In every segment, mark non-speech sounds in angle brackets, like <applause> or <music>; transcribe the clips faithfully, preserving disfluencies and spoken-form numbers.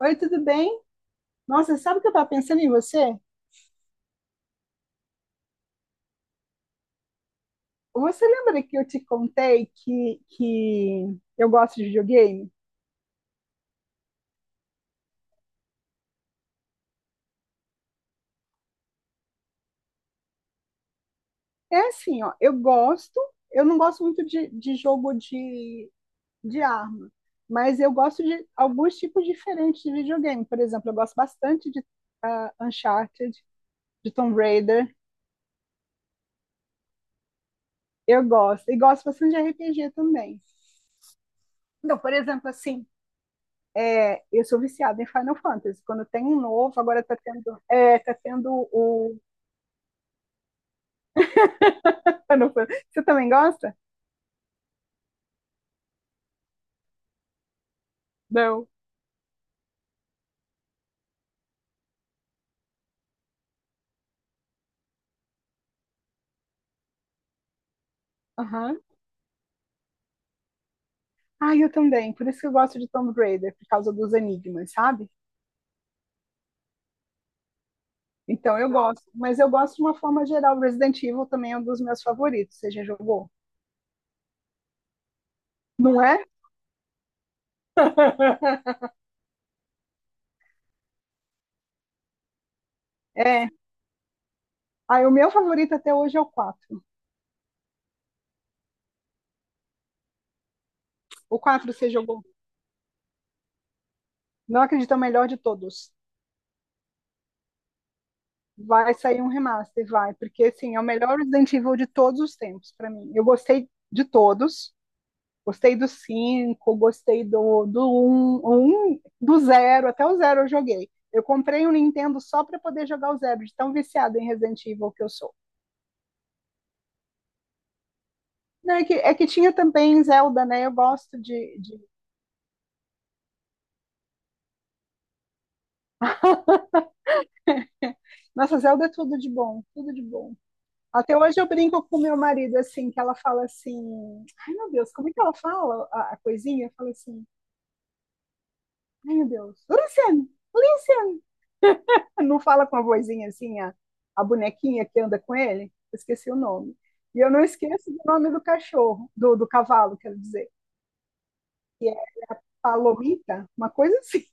Oi, tudo bem? Nossa, sabe o que eu estava pensando em você? Você lembra que eu te contei que, que eu gosto de videogame? É assim, ó, eu gosto, eu não gosto muito de, de jogo de, de arma, mas eu gosto de alguns tipos diferentes de videogame. Por exemplo, eu gosto bastante de ah, Uncharted, de Tomb Raider, eu gosto, e gosto bastante de R P G também. Então, por exemplo, assim, é, eu sou viciada em Final Fantasy. Quando tem um novo, agora tá tendo, é, tá tendo o Xenophon. Você também gosta? Não. Aham. Ah, eu também. Por isso que eu gosto de Tomb Raider, por causa dos enigmas, sabe? Então eu gosto. Mas eu gosto de uma forma geral. Resident Evil também é um dos meus favoritos. Você já jogou? Não é? <laughs> É. Ah, o meu favorito até hoje é o quatro. O quatro você jogou? Não acredito, é o melhor de todos. Vai sair um remaster, vai, porque assim, é o melhor Resident Evil de todos os tempos pra mim. Eu gostei de todos. Gostei do cinco, gostei do do um, um, do zero. Até o zero eu joguei. Eu comprei um Nintendo só para poder jogar o zero, de tão viciado em Resident Evil que eu sou. Não, é, que, é que tinha também Zelda, né? Eu gosto de, de. Nossa, Zelda é tudo de bom, tudo de bom. Até hoje eu brinco com meu marido assim, que ela fala assim, ai meu Deus, como é que ela fala a, a coisinha? Eu falo assim, ai meu Deus, Luciano, Luciano. <laughs> Não fala com a vozinha assim, a, a bonequinha que anda com ele? Eu esqueci o nome. E eu não esqueço o nome do cachorro, do, do cavalo, quero dizer. Que é Palomita, uma coisa assim.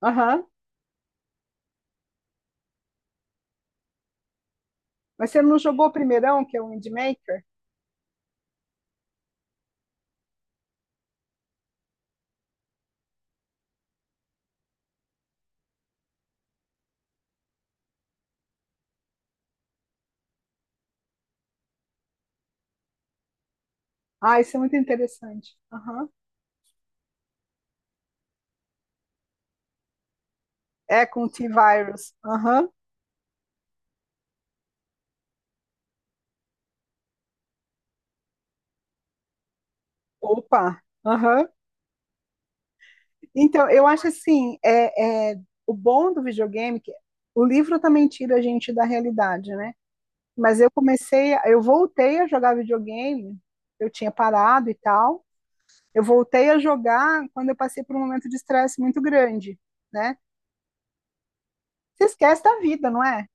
<laughs> Aham. Mas você não jogou o primeirão, que é o Windmaker? Ah, isso é muito interessante. Aham. É com o T-Virus. Aham. Opa. Aham. Então, eu acho assim, é, é, o bom do videogame, é que o livro também tira a gente da realidade, né? Mas eu comecei, eu voltei a jogar videogame, eu tinha parado e tal. Eu voltei a jogar quando eu passei por um momento de estresse muito grande, né? Você esquece da vida, não é?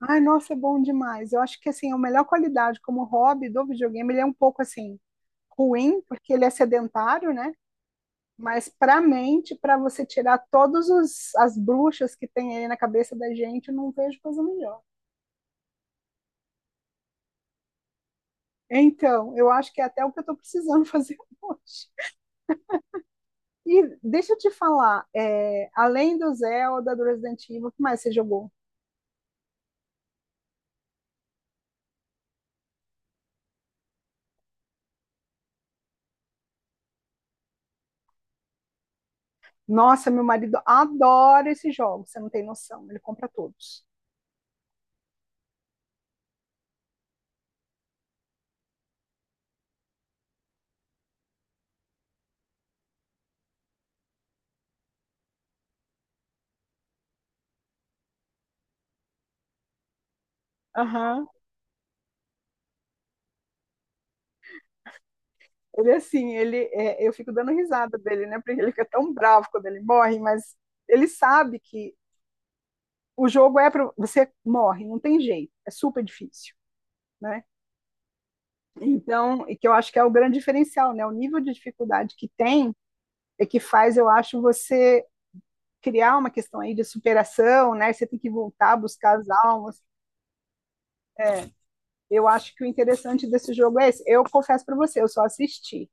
Ai, nossa, é bom demais. Eu acho que assim, a melhor qualidade como hobby do videogame, ele é um pouco assim ruim, porque ele é sedentário, né? Mas para a mente, para você tirar todas as bruxas que tem aí na cabeça da gente, eu não vejo coisa melhor. Então, eu acho que é até o que eu estou precisando fazer <laughs> hoje. E deixa eu te falar, é, além do Zelda, do Resident Evil, o que mais você jogou? Nossa, meu marido adora esses jogos, você não tem noção, ele compra todos. Aham. Ele é assim, ele é, eu fico dando risada dele, né? Porque ele fica tão bravo quando ele morre, mas ele sabe que o jogo é para você morre, não tem jeito, é super difícil, né? Então, e que eu acho que é o grande diferencial, né? O nível de dificuldade que tem é que faz, eu acho, você criar uma questão aí de superação, né? Você tem que voltar a buscar as almas. Eu acho que o interessante desse jogo é esse. Eu confesso para você, eu só assisti,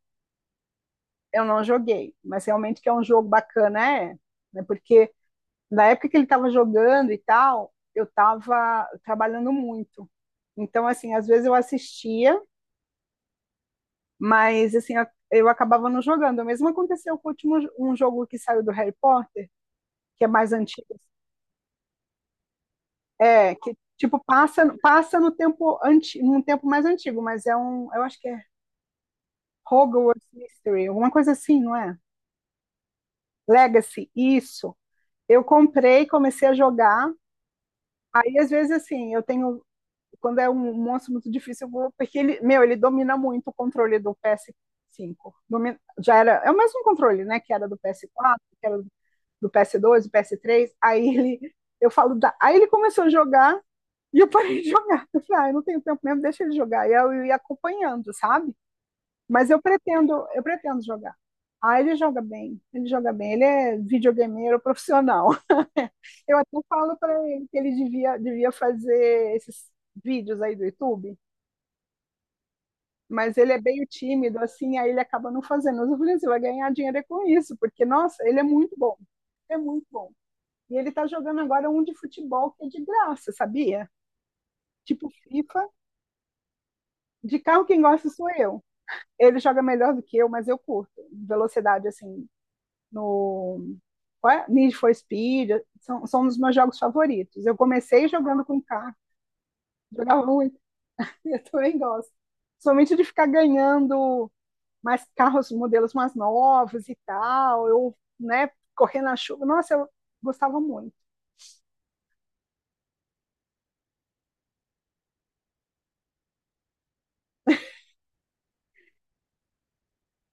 eu não joguei, mas realmente que é um jogo bacana, é, né? Porque na época que ele estava jogando e tal, eu estava trabalhando muito. Então, assim, às vezes eu assistia, mas assim, a- eu acabava não jogando. O mesmo aconteceu com o último um jogo que saiu do Harry Potter, que é mais antigo. É, que tipo passa passa no tempo anti, num tempo mais antigo, mas é um, eu acho que é Hogwarts Mystery, alguma coisa assim, não é? Legacy, isso. Eu comprei, comecei a jogar. Aí às vezes assim, eu tenho quando é um um monstro muito difícil, eu vou porque ele, meu, ele domina muito o controle do P S cinco. Domina, já era, é o mesmo controle, né, que era do P S quatro, que era do P S dois, do P S três. Aí ele eu falo, da, aí ele começou a jogar. E eu parei de <laughs> jogar. Eu falei, ah, eu não tenho tempo mesmo, deixa ele jogar. E eu ia acompanhando, sabe? Mas eu pretendo, eu pretendo jogar. Ah, ele joga bem, ele joga bem, ele é videogameiro profissional. <laughs> Eu até falo para ele que ele devia, devia fazer esses vídeos aí do YouTube, mas ele é meio tímido, assim, aí ele acaba não fazendo. Mas eu falei assim, vai ganhar dinheiro é com isso, porque, nossa, ele é muito bom, é muito bom. E ele tá jogando agora um de futebol que é de graça, sabia? Tipo FIFA. De carro quem gosta sou eu. Ele joga melhor do que eu, mas eu curto. Velocidade, assim, no é? Need for Speed, são, são um dos meus jogos favoritos. Eu comecei jogando com carro, jogava muito, <laughs> eu também gosto. Somente de ficar ganhando mais carros, modelos mais novos e tal, eu, né, correndo na chuva. Nossa, eu gostava muito.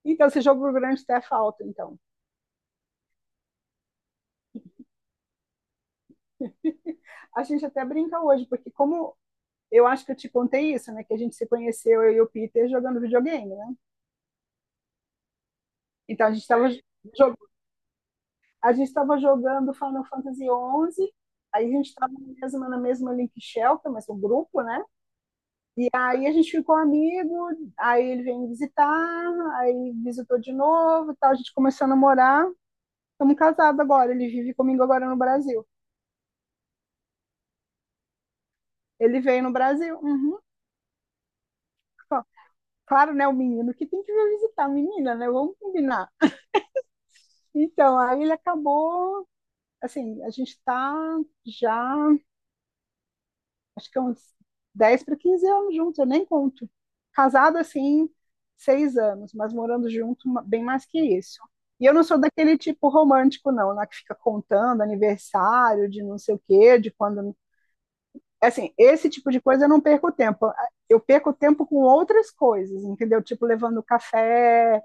Então, esse jogo do grande até falta, então. A gente até brinca hoje, porque como eu acho que eu te contei isso, né? Que a gente se conheceu, eu e o Peter, jogando videogame, né? Então a gente estava a gente estava jogando Final Fantasy onze, aí a gente estava na mesma, na mesma Link Shelter, mas um grupo, né? E aí a gente ficou amigo, aí ele veio me visitar, aí visitou de novo, e tal, a gente começou a namorar, estamos casados agora, ele vive comigo agora no Brasil. Ele veio no Brasil, uhum. Ó, claro, né, o menino que tem que vir visitar a menina, né? Vamos combinar. Então, aí ele acabou, assim, a gente está já acho que é uns dez para quinze anos juntos, eu nem conto. Casado assim, seis anos, mas morando junto bem mais que isso. E eu não sou daquele tipo romântico, não, né, que fica contando aniversário de não sei o quê, de quando. Assim, esse tipo de coisa eu não perco tempo. Eu perco tempo com outras coisas, entendeu? Tipo, levando café,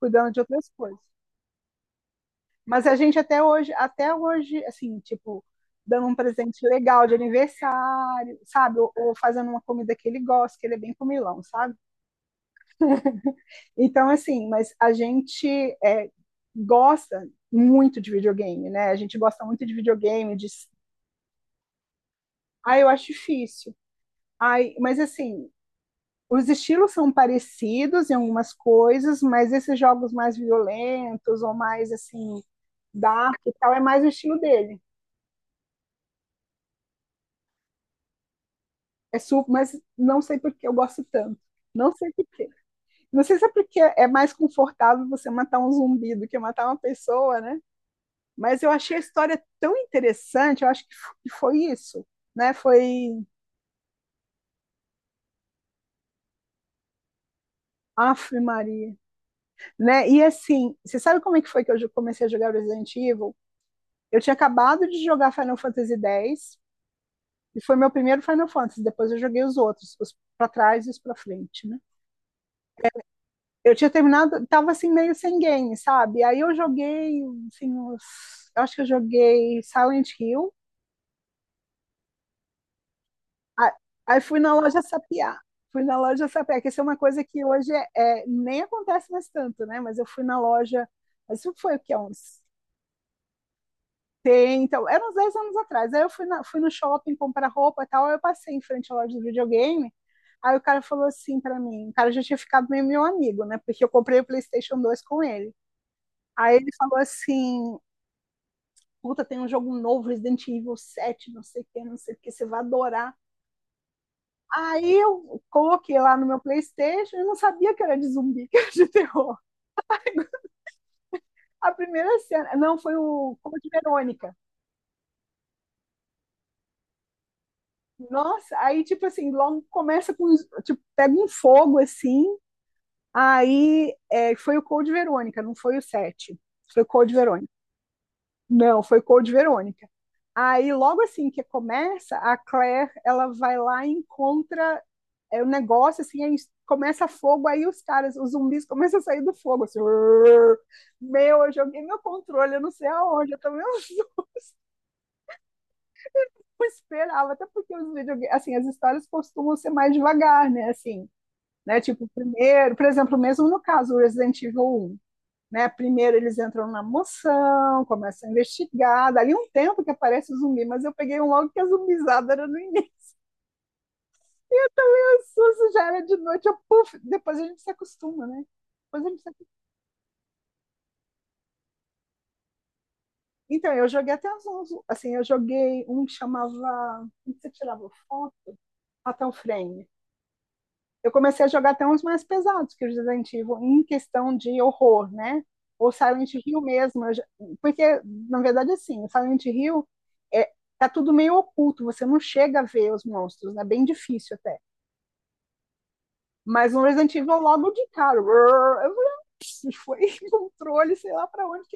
cuidando de outras coisas. Mas a gente até hoje, até hoje, assim, tipo, dando um presente legal de aniversário, sabe? Ou, ou fazendo uma comida que ele gosta, que ele é bem comilão, sabe? Então, assim, mas a gente é, gosta muito de videogame, né? A gente gosta muito de videogame, de... Ah, eu acho difícil. Ai, mas assim, os estilos são parecidos em algumas coisas, mas esses jogos mais violentos ou mais, assim, dark e tal, é mais o estilo dele. É suco, mas não sei por que eu gosto tanto. Não sei por quê. Não sei se é porque é mais confortável você matar um zumbi do que matar uma pessoa, né? Mas eu achei a história tão interessante, eu acho que foi isso, né? Foi Aff, Maria, né? E assim, você sabe como é que foi que eu comecei a jogar Resident Evil? Eu tinha acabado de jogar Final Fantasy X, e foi meu primeiro Final Fantasy, depois eu joguei os outros, os para trás e os para frente, né? Eu tinha terminado, tava assim meio sem game, sabe? Aí eu joguei, assim, uns, eu acho que eu joguei Silent Hill, a- aí fui na loja sapiar. Fui na loja sapiar, que isso é uma coisa que hoje é, é, nem acontece mais tanto, né? Mas eu fui na loja, mas isso foi o que, uns dez, então, era uns dez anos atrás. Aí eu fui, na- fui no shopping comprar roupa e tal, aí eu passei em frente à loja de videogame, aí o cara falou assim pra mim, o cara já tinha ficado meio meu amigo, né? Porque eu comprei o PlayStation dois com ele. Aí ele falou assim, puta, tem um jogo novo, Resident Evil sete, não sei o que, não sei o que, você vai adorar. Aí eu coloquei lá no meu Playstation, eu não sabia que era de zumbi, <laughs> que era de terror. A primeira cena, não, foi o Como de Verônica. Nossa, aí tipo assim, logo começa com, tipo, pega um fogo assim, aí é, foi o Code Verônica, não foi o sete, foi o Code Verônica. Não, foi Code Verônica. Aí, logo assim que começa, a Claire, ela vai lá e encontra é, o negócio, assim, aí começa fogo, aí os caras, os zumbis começam a sair do fogo, assim, "Urr". Meu, eu joguei meu controle, eu não sei aonde, eu também não <laughs> esperava, até porque os videogames, assim, as histórias costumam ser mais devagar, né, assim, né, tipo, primeiro, por exemplo, mesmo no caso do Resident Evil um, né, primeiro eles entram na moção, começam a investigar, dali um tempo que aparece o zumbi, mas eu peguei um logo que a zumbizada era no início, susto já era de noite, eu, puf, depois a gente se acostuma, né? Depois a gente se acostuma. Então, eu joguei até uns, uns- assim, eu joguei um que chamava, um que você tirava foto, até o frame. Eu comecei a jogar até uns mais pesados que é o Resident Evil, em questão de horror, né? Ou Silent Hill mesmo, eu já- porque, na verdade, assim, o Silent Hill é, tá tudo meio oculto, você não chega a ver os monstros, né? Bem difícil até. Mas no Resident Evil, logo de cara, eu falei, "Ah, foi <laughs> controle, sei lá para onde".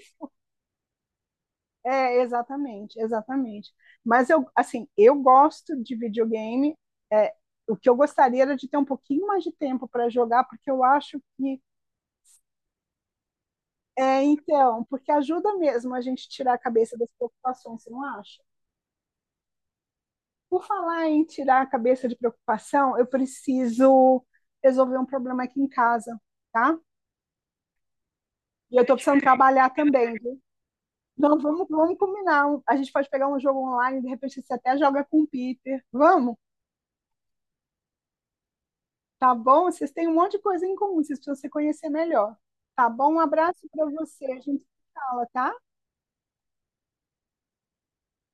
É, exatamente, exatamente. Mas eu, assim, eu gosto de videogame. é, o que eu gostaria era de ter um pouquinho mais de tempo para jogar, porque eu acho que é, então, porque ajuda mesmo a gente tirar a cabeça das preocupações, você não acha? Por falar em tirar a cabeça de preocupação, eu preciso resolver um problema aqui em casa, tá? E eu tô precisando trabalhar também, viu? Então vamos, vamos combinar. A gente pode pegar um jogo online, de repente você até joga com o Peter. Vamos? Tá bom? Vocês têm um monte de coisa em comum, vocês precisam se conhecer melhor. Tá bom? Um abraço para você, a gente se fala, tá?